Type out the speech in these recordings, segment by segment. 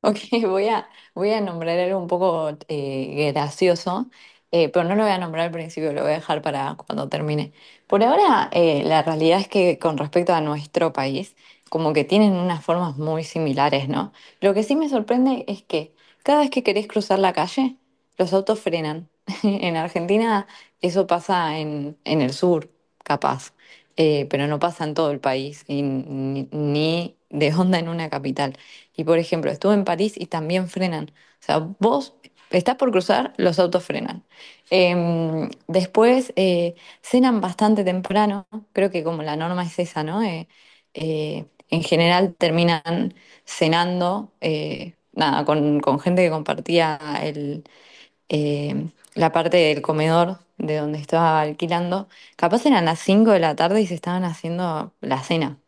Ok, voy a, voy a nombrar algo un poco gracioso, pero no lo voy a nombrar al principio, lo voy a dejar para cuando termine. Por ahora, la realidad es que con respecto a nuestro país, como que tienen unas formas muy similares, ¿no? Lo que sí me sorprende es que cada vez que querés cruzar la calle, los autos frenan. En Argentina eso pasa en el sur, capaz, pero no pasa en todo el país, y ni de onda en una capital. Y por ejemplo, estuve en París y también frenan. O sea, vos estás por cruzar, los autos frenan. Después Cenan bastante temprano, creo que como la norma es esa, ¿no? En general terminan cenando, nada, con gente que compartía eh, la parte del comedor de donde estaba alquilando. Capaz eran las 5 de la tarde y se estaban haciendo la cena.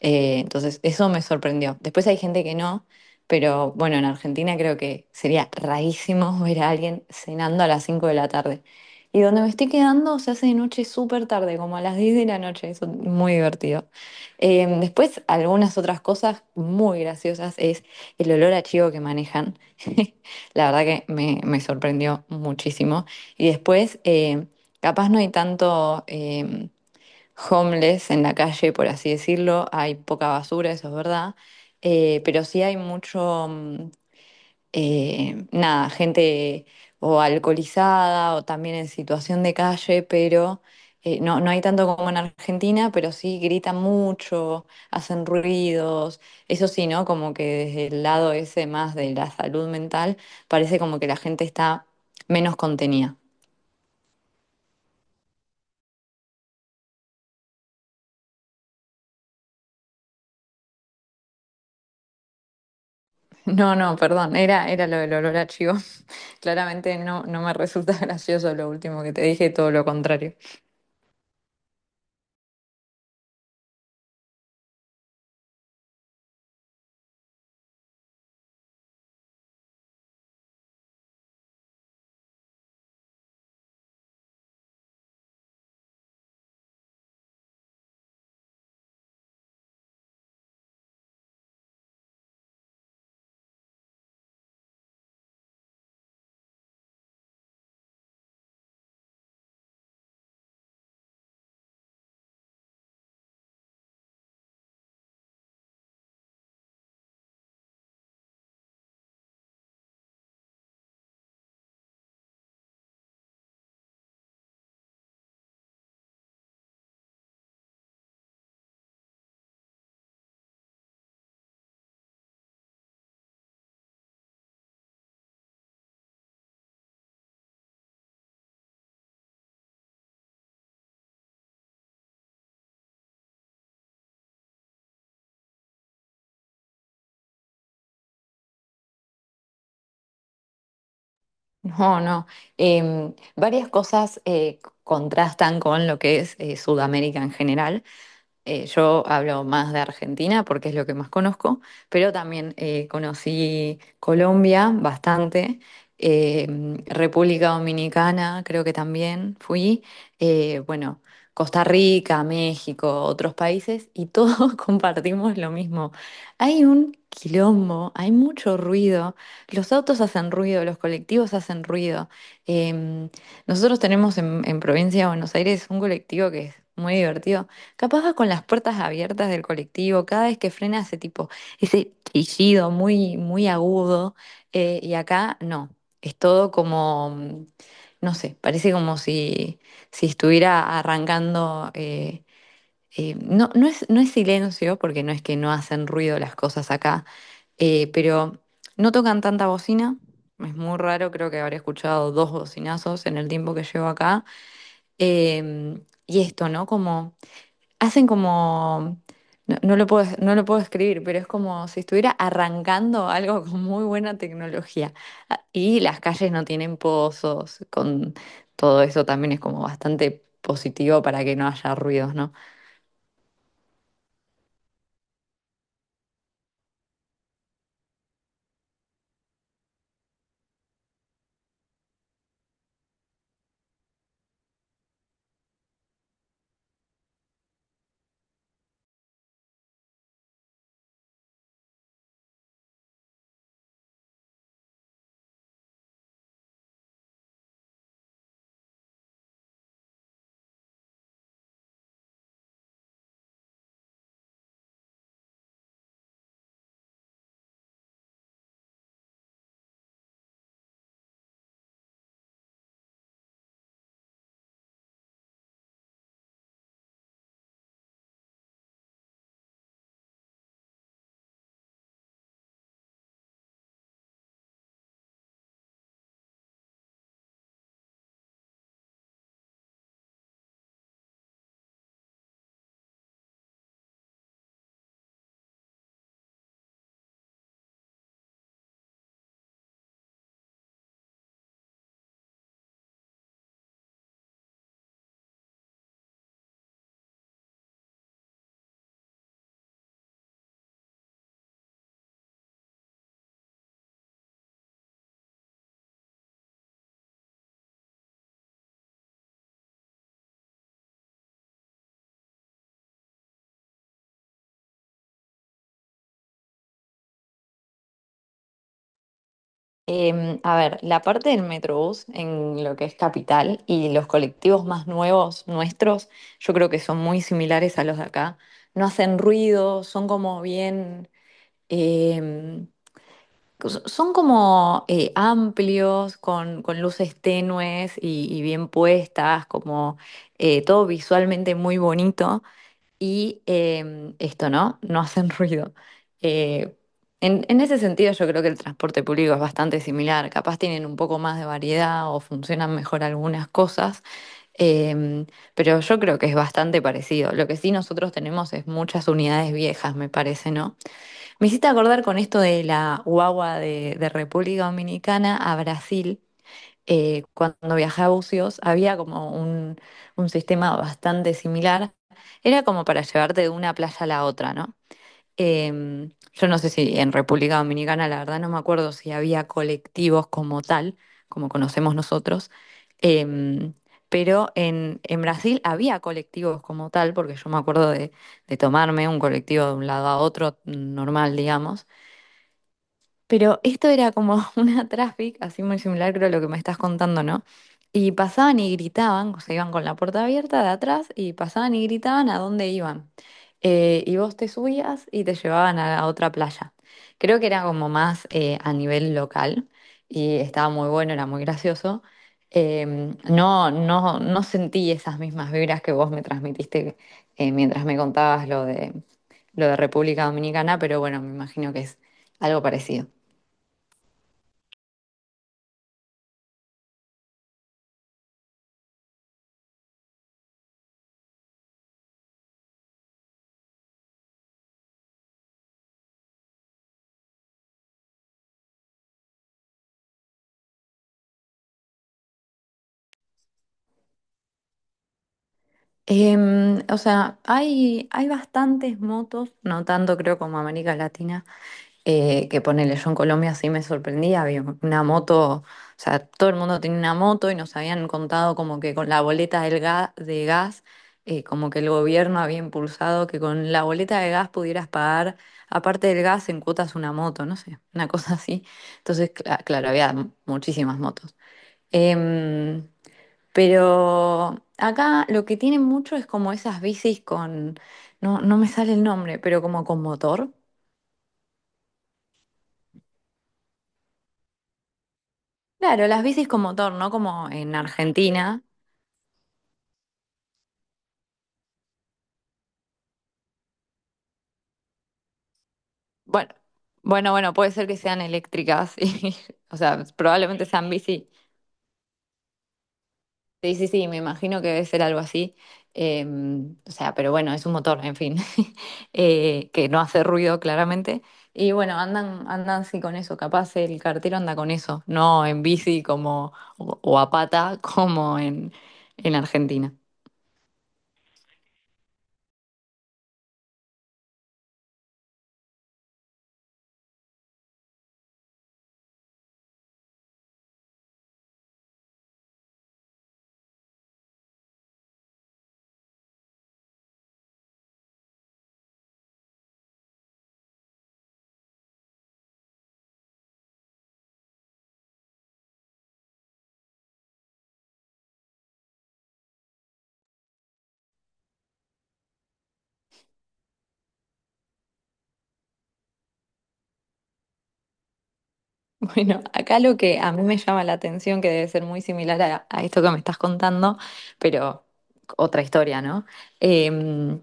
Entonces, eso me sorprendió. Después hay gente que no, pero bueno, en Argentina creo que sería rarísimo ver a alguien cenando a las 5 de la tarde. Y donde me estoy quedando se hace de noche súper tarde, como a las 10 de la noche. Eso es muy divertido. Después, algunas otras cosas muy graciosas es el olor a chivo que manejan. La verdad que me sorprendió muchísimo. Y después, capaz no hay tanto. Homeless en la calle, por así decirlo, hay poca basura, eso es verdad, pero sí hay mucho, nada, gente o alcoholizada o también en situación de calle, pero no hay tanto como en Argentina, pero sí gritan mucho, hacen ruidos, eso sí, ¿no? Como que desde el lado ese más de la salud mental, parece como que la gente está menos contenida. No, no, perdón, era lo del olor a chivo. Claramente no, no me resulta gracioso lo último que te dije, todo lo contrario. No, no. Varias cosas contrastan con lo que es Sudamérica en general. Yo hablo más de Argentina porque es lo que más conozco, pero también conocí Colombia bastante, eh, República Dominicana creo que también fui, bueno, Costa Rica, México, otros países y todos compartimos lo mismo. Hay un quilombo, hay mucho ruido, los autos hacen ruido, los colectivos hacen ruido. Em, Nosotros tenemos en Provincia de Buenos Aires un colectivo que es muy divertido. Capaz va con las puertas abiertas del colectivo, cada vez que frena hace tipo ese chillido muy, muy agudo, y acá no, es todo como, no sé, parece como si, si estuviera arrancando, no es, no es silencio, porque no es que no hacen ruido las cosas acá, pero no tocan tanta bocina, es muy raro, creo que habré escuchado 2 bocinazos en el tiempo que llevo acá, em, y esto, ¿no? Como hacen como, no lo puedo, no lo puedo escribir, pero es como si estuviera arrancando algo con muy buena tecnología. Ah, y las calles no tienen pozos, con todo eso también es como bastante positivo para que no haya ruidos, ¿no? A ver, la parte del Metrobús en lo que es capital y los colectivos más nuevos nuestros, yo creo que son muy similares a los de acá. No hacen ruido, son como bien... em, Son como amplios, con luces tenues y bien puestas, como todo visualmente muy bonito. Y esto, ¿no? No hacen ruido. Eh, en ese sentido, yo creo que el transporte público es bastante similar. Capaz tienen un poco más de variedad o funcionan mejor algunas cosas. em, pero yo creo que es bastante parecido. Lo que sí nosotros tenemos es muchas unidades viejas, me parece, ¿no? Me hiciste acordar con esto de la guagua de República Dominicana a Brasil. Cuando viajé a Bucios había como un sistema bastante similar. Era como para llevarte de una playa a la otra, ¿no? Yo no sé si en República Dominicana, la verdad no me acuerdo si había colectivos como tal, como conocemos nosotros. Em, pero en Brasil había colectivos como tal, porque yo me acuerdo de tomarme un colectivo de un lado a otro, normal, digamos. Pero esto era como una traffic, así muy similar creo a lo que me estás contando, ¿no? Y pasaban y gritaban, o sea, iban con la puerta abierta de atrás y pasaban y gritaban a dónde iban. Y vos te subías y te llevaban a otra playa. Creo que era como más a nivel local y estaba muy bueno, era muy gracioso. No sentí esas mismas vibras que vos me transmitiste mientras me contabas lo de República Dominicana, pero bueno, me imagino que es algo parecido. O sea, hay bastantes motos, no tanto creo como América Latina, que ponele, yo en Colombia sí me sorprendía, había una moto, o sea, todo el mundo tenía una moto y nos habían contado como que con la boleta de gas, como que el gobierno había impulsado que con la boleta de gas pudieras pagar, aparte del gas, en cuotas una moto, no sé, una cosa así. Entonces, claro, había muchísimas motos. Em, pero acá lo que tienen mucho es como esas bicis con, no, no me sale el nombre, pero como con motor. Claro, las bicis con motor, no como en Argentina. Bueno, bueno, bueno, puede ser que sean eléctricas, y, o sea, probablemente sean bici. Sí, sí, sí, me imagino que debe ser algo así. Eh, o sea, pero bueno, es un motor, en fin, que no hace ruido claramente. Y bueno, andan sí con eso, capaz el cartero anda con eso, no en bici como, o a pata en Argentina. Bueno, acá lo que a mí me llama la atención, que debe ser muy similar a esto que me estás contando, pero otra historia, ¿no? Em,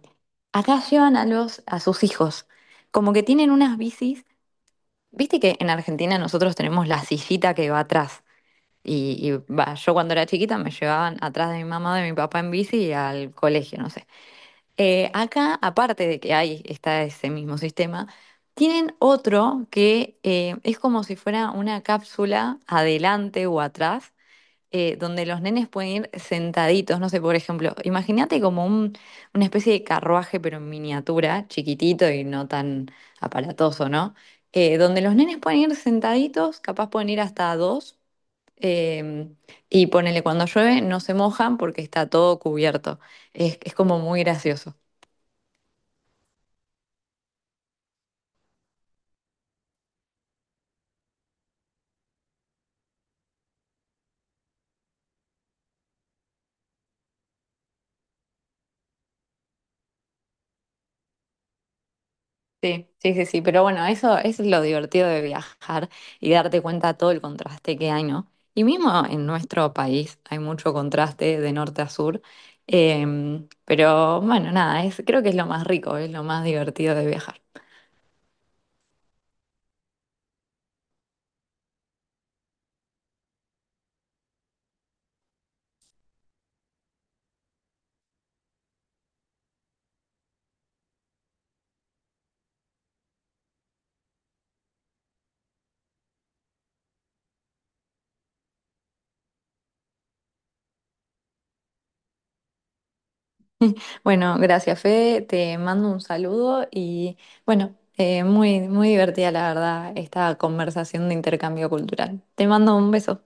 Acá llevan a sus hijos, como que tienen unas bicis. Viste que en Argentina nosotros tenemos la sillita que va atrás. Y va, yo cuando era chiquita me llevaban atrás de mi mamá, de mi papá en bici y al colegio, no sé. Acá, aparte de que hay, está ese mismo sistema, tienen otro que es como si fuera una cápsula adelante o atrás, donde los nenes pueden ir sentaditos, no sé, por ejemplo, imagínate como una especie de carruaje, pero en miniatura, chiquitito y no tan aparatoso, ¿no? Donde los nenes pueden ir sentaditos, capaz pueden ir hasta 2, eh, y ponele cuando llueve, no se mojan porque está todo cubierto. Es como muy gracioso. Sí, sí, sí, sí, pero bueno, eso es lo divertido de viajar y darte cuenta todo el contraste que hay, ¿no? Y mismo en nuestro país hay mucho contraste de norte a sur, pero bueno, nada, es, creo que es lo más rico, es lo más divertido de viajar. Bueno, gracias, Fe, te mando un saludo y bueno, muy, muy divertida la verdad esta conversación de intercambio cultural. Te mando un beso.